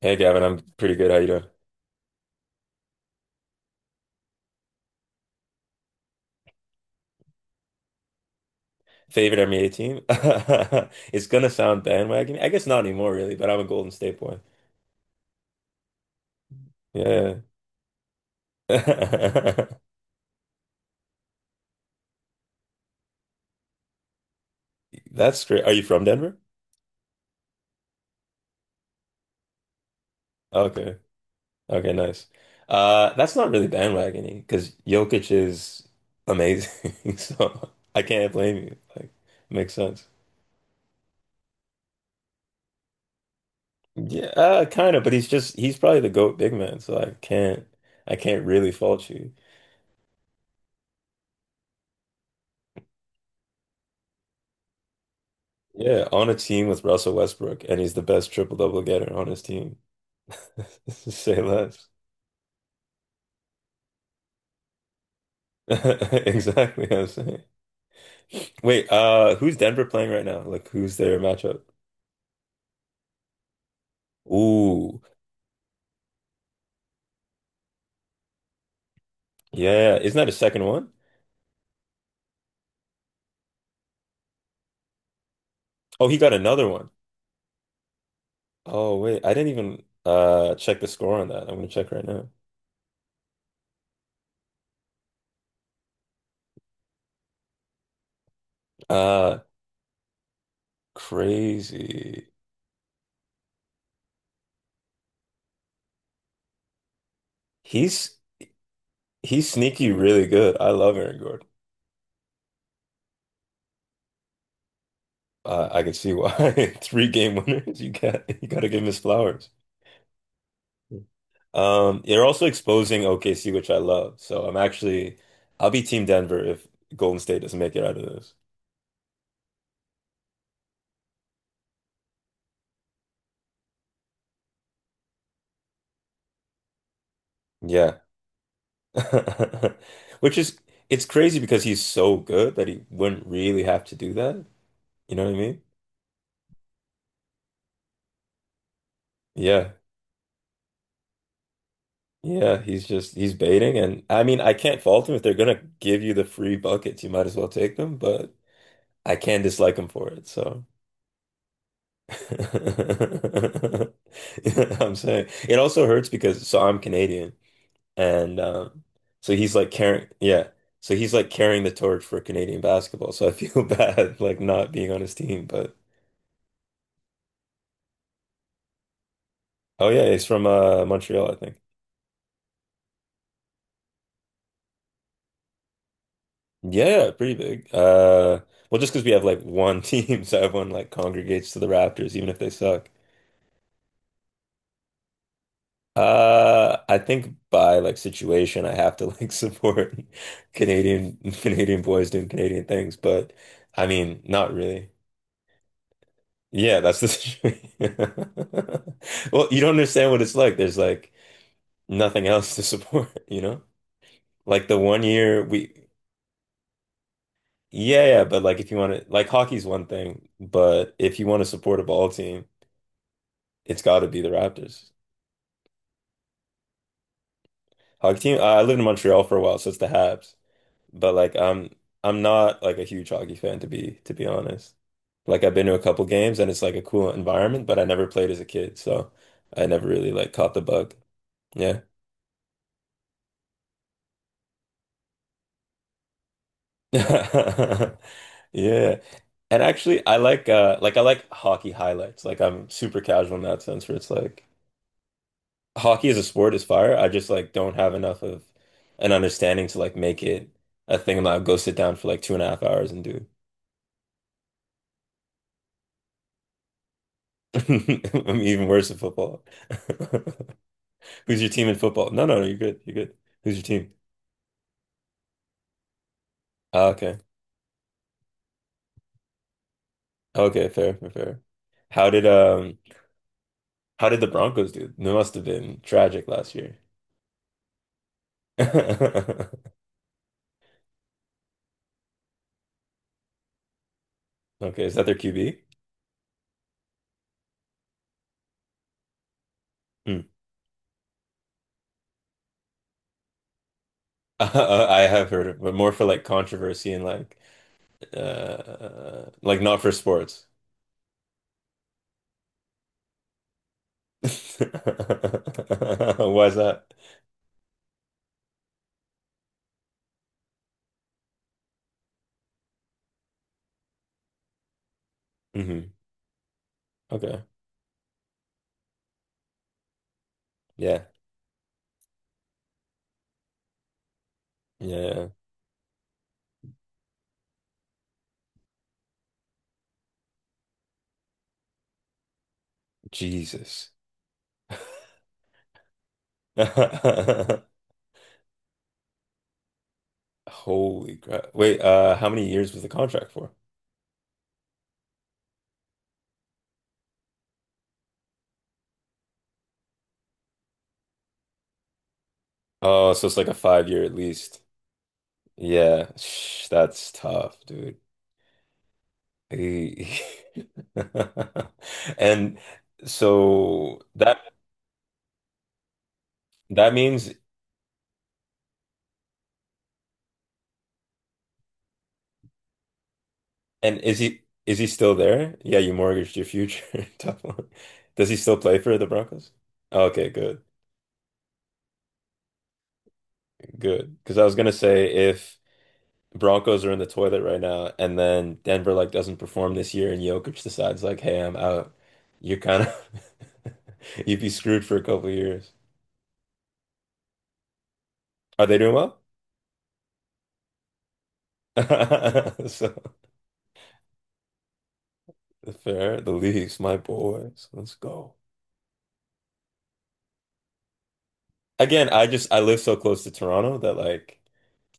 Hey Gavin, I'm pretty good. How you doing? Favorite NBA team? It's gonna sound bandwagon. I guess not anymore, really, but I'm a Golden State boy. Yeah. That's great. Are you from Denver? Okay. Okay, nice. That's not really bandwagoning because Jokic is amazing. So I can't blame you. Like, makes sense. Yeah, kind of, but he's probably the GOAT big man, so I can't really fault you. Yeah, on a team with Russell Westbrook, and he's the best triple-double getter on his team. Say less. Exactly what I'm saying. Wait, who's Denver playing right now? Like, who's their matchup? Ooh, yeah. Isn't that a second one? Oh, he got another one. Oh, wait. I didn't even check the score on that. I'm gonna check right now. Uh, Crazy. He's he's sneaky really good. I love Aaron Gordon. I can see why. Three game winners. You gotta give him his flowers. They're also exposing OKC, which I love. So I'm actually, I'll be Team Denver if Golden State doesn't make it out of this. Yeah. Which is, it's crazy because he's so good that he wouldn't really have to do that. You know what I mean? Yeah. Yeah. He's just, he's baiting. And I mean, I can't fault him if they're going to give you the free buckets. You might as well take them, but I can dislike him for it. So. I'm saying it also hurts because so I'm Canadian. And so he's like carrying, yeah. So he's like carrying the torch for Canadian basketball. So I feel bad like not being on his team. But oh yeah, he's from Montreal, I think. Yeah, pretty big. Well, just because we have like one team, so everyone like congregates to the Raptors, even if they suck. I think by like situation, I have to like support Canadian boys doing Canadian things, but I mean, not really. Yeah, that's the situation. Well, you don't understand what it's like. There's like nothing else to support, you know? Like the one year we, yeah, yeah, but like if you want to, like hockey's one thing, but if you want to support a ball team, it's got to be the Raptors. Hockey team, I lived in Montreal for a while, so it's the Habs. But like I'm not like a huge hockey fan to be honest. Like I've been to a couple games and it's like a cool environment, but I never played as a kid, so I never really like caught the bug. Yeah. Yeah. And actually I like I like hockey highlights. Like I'm super casual in that sense where it's like hockey as a sport is fire. I just like don't have enough of an understanding to like make it a thing I'm like go sit down for like 2.5 hours and do. I'm even worse at football. Who's your team in football? No, no, no, you're good. You're good. Who's your team? Ah, okay. Okay, fair, fair, fair. How did um how did the Broncos do? It must have been tragic last year. Okay, is that their QB? Hmm. I have heard of, but more for like controversy and like not for sports. Why is that? Hmm. Okay. Yeah. Yeah. Yeah. Jesus. Holy crap. Wait, how many years was the contract for? Oh, so it's like a 5 year at least. Yeah, Shh, that's tough, dude. Eh. And so that that means. And is he still there? Yeah, you mortgaged your future. Tough one. Does he still play for the Broncos? Okay, good, good. Because I was gonna say if Broncos are in the toilet right now, and then Denver like doesn't perform this year, and Jokic decides like, hey, I'm out, you're kind of you'd be screwed for a couple years. Are they doing well? So fair, the Leafs, my boys. Let's go. Again, I live so close to Toronto that like.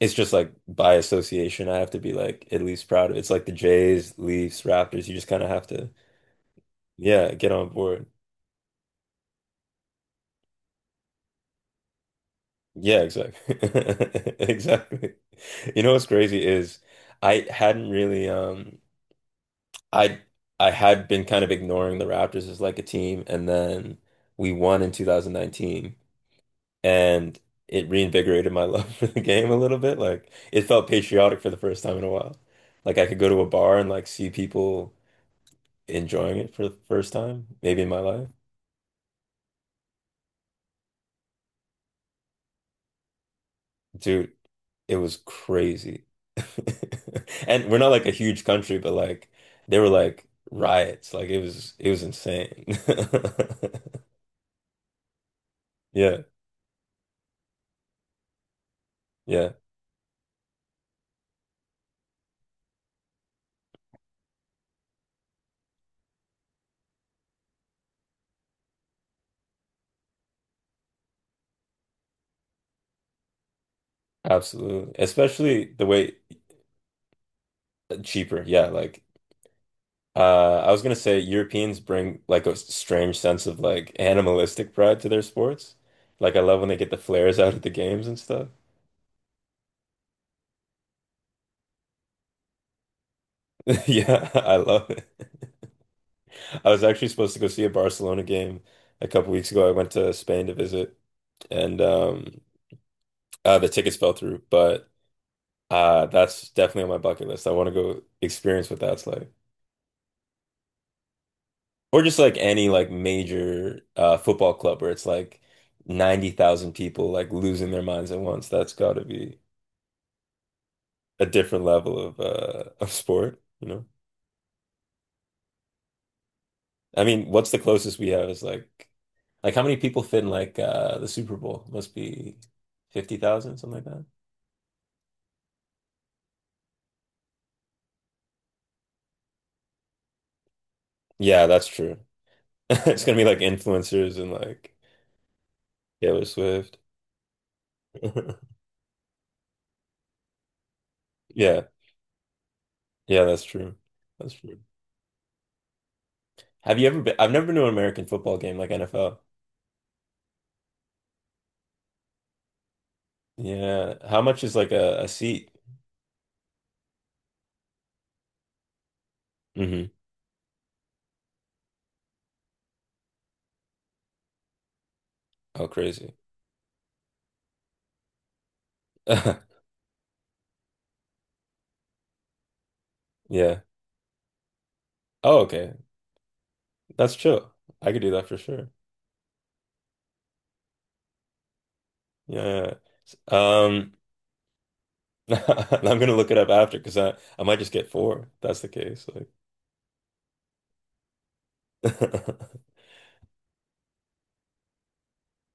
It's just like by association, I have to be like at least proud of it. It's like the Jays, Leafs, Raptors. You just kind of have to, yeah, get on board. Yeah, exactly. Exactly. You know what's crazy is I hadn't really I I had been kind of ignoring the Raptors as like a team and then we won in 2019 and it reinvigorated my love for the game a little bit. Like it felt patriotic for the first time in a while. Like I could go to a bar and like see people enjoying it for the first time, maybe in my life. Dude, it was crazy. And we're not like a huge country, but like there were like riots. Like it was insane. Yeah, yeah, absolutely. Especially the way cheaper. Yeah, like I was gonna say Europeans bring like a strange sense of like animalistic pride to their sports. Like I love when they get the flares out at the games and stuff. Yeah, I love it. I was actually supposed to go see a Barcelona game a couple weeks ago. I went to Spain to visit, and the tickets fell through. But that's definitely on my bucket list. I want to go experience what that's like, or just like any like major football club where it's like 90,000 people like losing their minds at once. That's got to be a different level of of sport, you know? I mean, what's the closest we have is like how many people fit in like the Super Bowl? Must be 50,000, something like. Yeah, that's true. It's gonna be like influencers and like Taylor Swift. Yeah, yeah, that's true. That's true. Have you ever been? I've never been to an American football game like NFL. Yeah. How much is like a seat? Hmm. Oh, crazy. Yeah. Oh, okay. That's chill. I could do that for sure. Yeah. Um. I'm gonna look it up after because I might just get four. If that's the case. Like,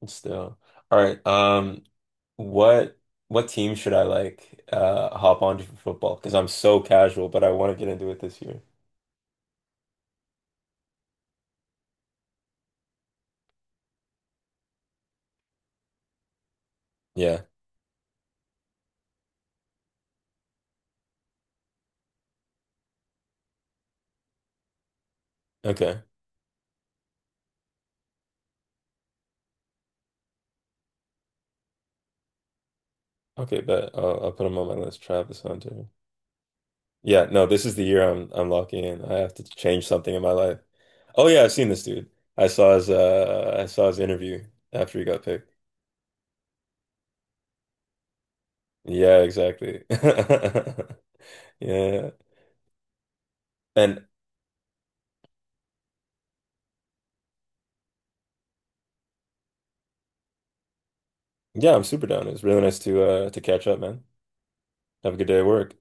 still. All right. What what team should I like hop onto for football? Because I'm so casual, but I want to get into it this year. Yeah. Okay. Okay, but I'll put him on my list. Travis Hunter. Yeah, no, this is the year I'm locking in. I have to change something in my life. Oh yeah, I've seen this dude. I saw his interview after he got picked. Yeah, exactly. Yeah. And yeah, I'm super down. It was really nice to catch up, man. Have a good day at work.